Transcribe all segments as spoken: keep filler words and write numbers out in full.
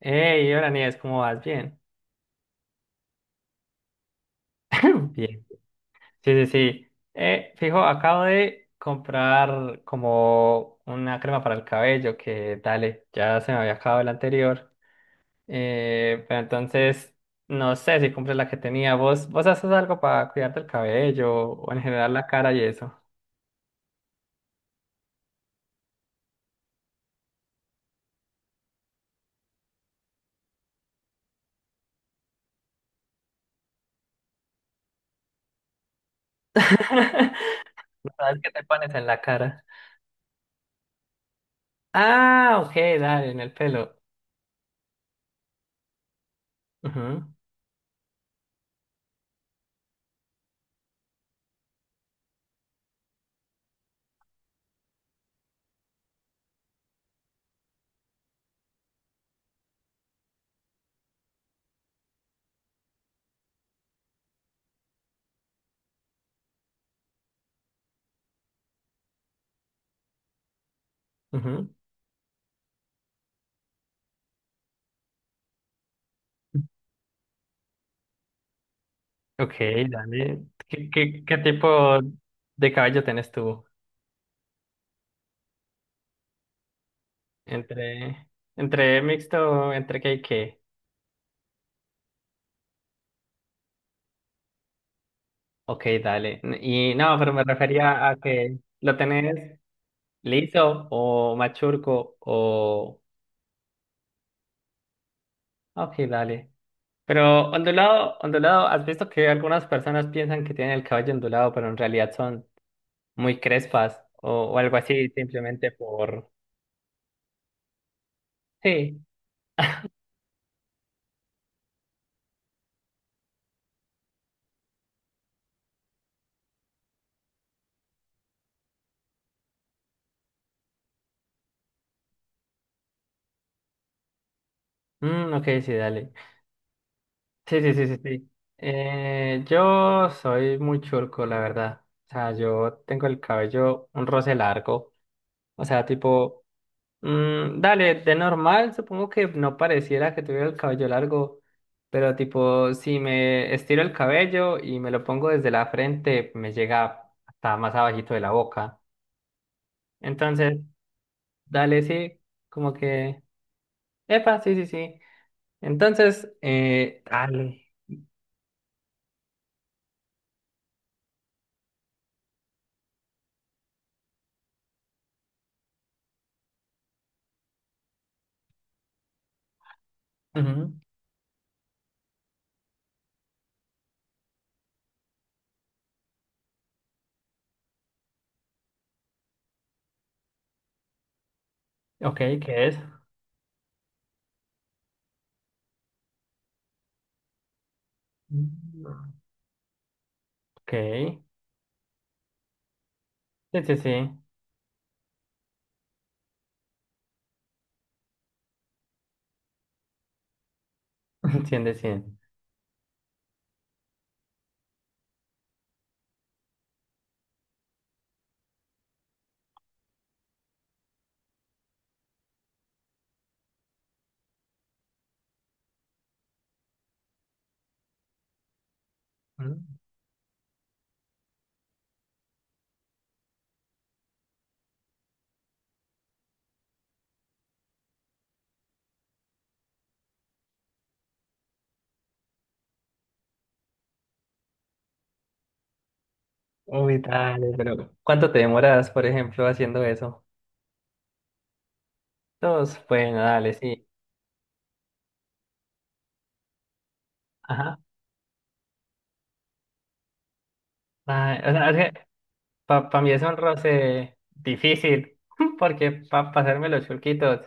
Hey, hola Nieves, ¿cómo vas? Bien. Bien. Sí, sí, sí. Eh, fijo, acabo de comprar como una crema para el cabello que, dale, ya se me había acabado el anterior. Eh, pero entonces, no sé si compré la que tenía. ¿Vos, vos haces algo para cuidarte el cabello o en general la cara y eso? ¿No? ¿Sabes qué te pones en la cara? Ah, ok, dale, en el pelo. Ujú, ujú. Ok, dale. ¿Qué, qué, qué tipo de caballo tenés tú? ¿Entre, entre mixto, entre qué y qué? Ok, dale. N- Y no, pero me refería a que lo tenés liso o machurco o... Ok, dale. Pero ondulado, ondulado, ¿has visto que algunas personas piensan que tienen el cabello ondulado, pero en realidad son muy crespas o, o algo así, simplemente por... Sí. Mm, ok, sí, dale. Sí, sí, sí, sí, sí. Eh, yo soy muy churco, la verdad. O sea, yo tengo el cabello un roce largo. O sea, tipo, mm, dale, de normal supongo que no pareciera que tuviera el cabello largo, pero tipo, si me estiro el cabello y me lo pongo desde la frente, me llega hasta más abajito de la boca. Entonces, dale, sí, como que, epa, sí, sí, sí. Entonces, eh, dale. Ujú. Ok, ¿qué es? Ok. Sí, sí, sí. Cien de cien. Mm. Uy, dale, pero ¿cuánto te demoras, por ejemplo, haciendo eso? Dos, bueno, dale, sí. Ajá. Ay, o sea, es que para mí es un roce difícil, porque para pasarme los chulquitos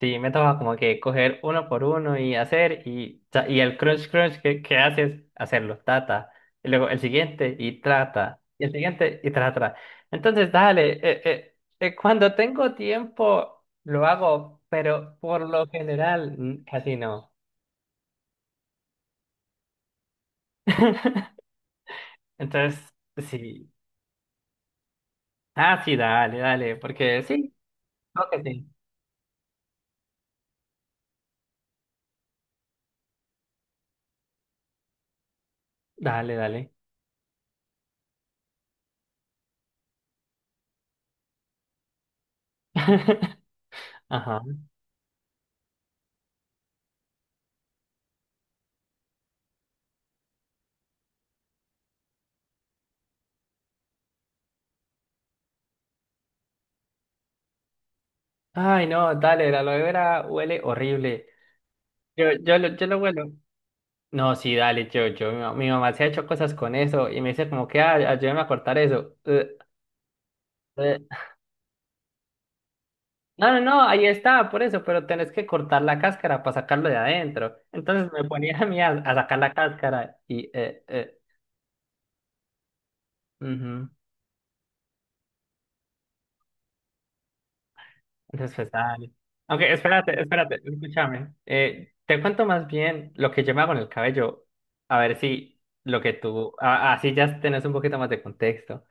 sí, me toca como que coger uno por uno y hacer, y, ta- y el crunch crunch que, que haces, hacerlo, tata. Y luego el siguiente y trata. Y el siguiente y trata. Entonces, dale, eh, eh, eh, cuando tengo tiempo lo hago, pero por lo general mm, casi no. Entonces, sí. Ah, sí, dale, dale, porque sí, creo que sí. Dale, dale. Ajá. Ay, no, dale, la aloe vera huele horrible. Yo, yo, lo- yo lo huelo. No, sí, dale, yo, yo, mi, ma- mi mamá se ha hecho cosas con eso y me dice como que, ah, ayúdame a cortar eso. Eh, eh, No, no, no, ahí está, por eso, pero tenés que cortar la cáscara para sacarlo de adentro. Entonces me ponía a mí a, a sacar la cáscara y, eh, eh, ujú. Entonces pues dale. Aunque, espérate, espérate, escúchame. Eh, te cuento más bien lo que yo me hago en el cabello, a ver si lo que tú, a- así ya tenés un poquito más de contexto.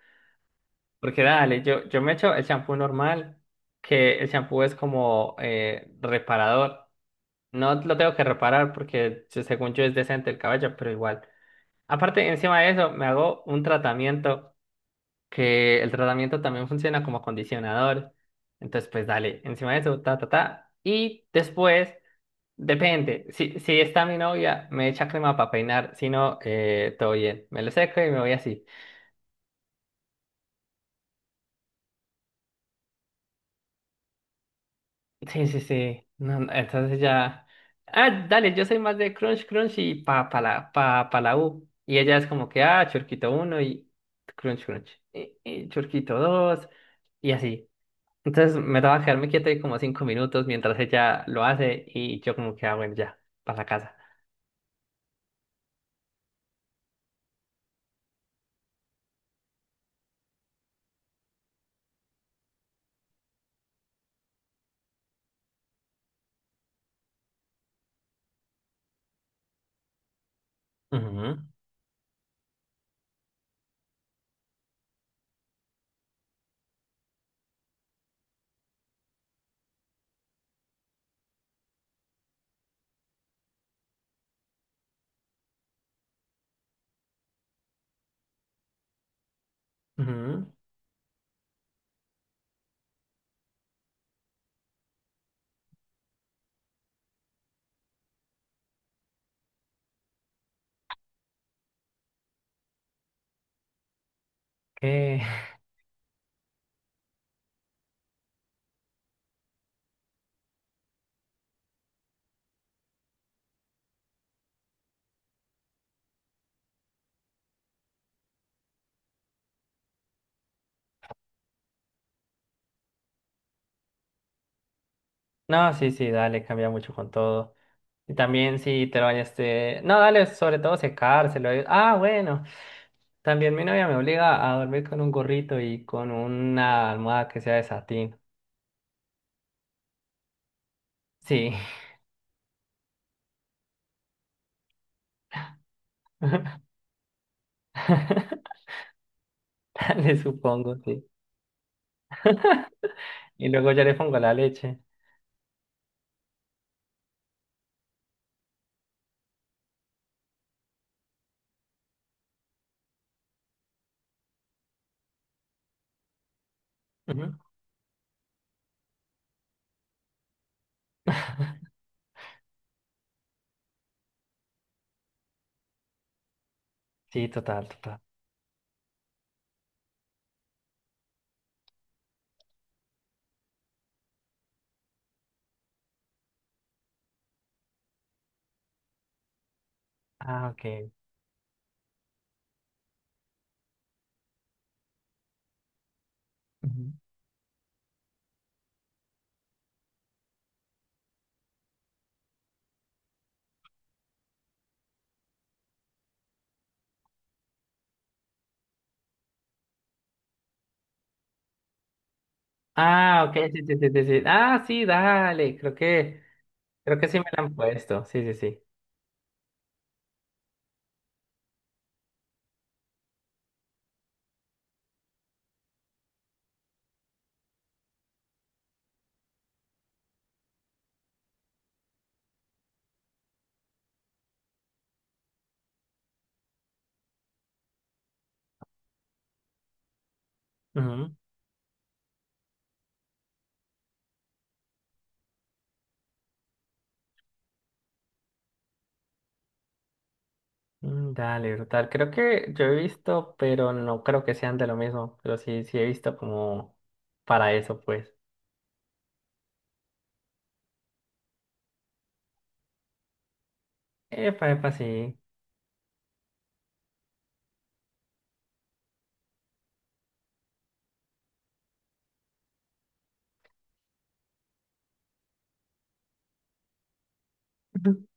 Porque dale, yo, yo me echo el champú normal, que el champú es como eh, reparador. No lo tengo que reparar porque se- según yo es decente el cabello, pero igual. Aparte, encima de eso, me hago un tratamiento que el tratamiento también funciona como acondicionador. Entonces, pues dale, encima de eso, ta, ta, ta. Y después, depende. Si, si está mi novia, me echa crema para peinar. Si no, eh, todo bien. Me lo seco y me voy así. Sí, sí, sí. No, no, entonces ya. Ah, dale, yo soy más de Crunch Crunch y pa, pa la, pa, pa la U. Y ella es como que, ah, Churquito uno y Crunch Crunch. Y, y Churquito dos y así. Entonces me daba quedarme quieto ahí como cinco minutos mientras ella lo hace y yo como que, ah, bueno, ya, para la casa. Ujú, ujú. ¿Qué? No, sí, sí, dale, cambia mucho con todo. Y también si te lo bañaste. No, dale, sobre todo secárselo. eh. Ah, bueno. También mi novia me obliga a dormir con un gorrito y con una almohada que sea de satín. Sí. Le supongo, sí. Y luego yo le pongo la leche. Ujú. Sí, total, total. Ah, ok. Ujú. Ah, ok, sí, sí, sí, sí, sí. Ah, sí, dale. Creo que, creo que sí me la han puesto. Sí, sí, sí. Ujú. Mm, dale, brutal. Creo que yo he visto, pero no creo que sean de lo mismo. Pero sí, sí he visto como para eso, pues. Epa, epa, sí.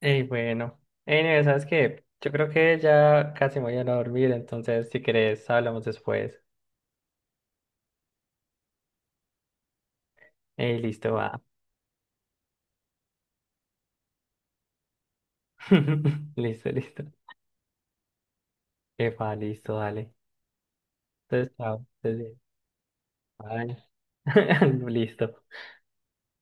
Y bueno, ey, Neve, ¿sabes qué? Yo creo que ya casi me voy a ir a dormir, entonces si querés hablamos después. Ey, listo, va. Listo, listo. Epa, listo, dale. Entonces, chao. Entonces, bye. Listo.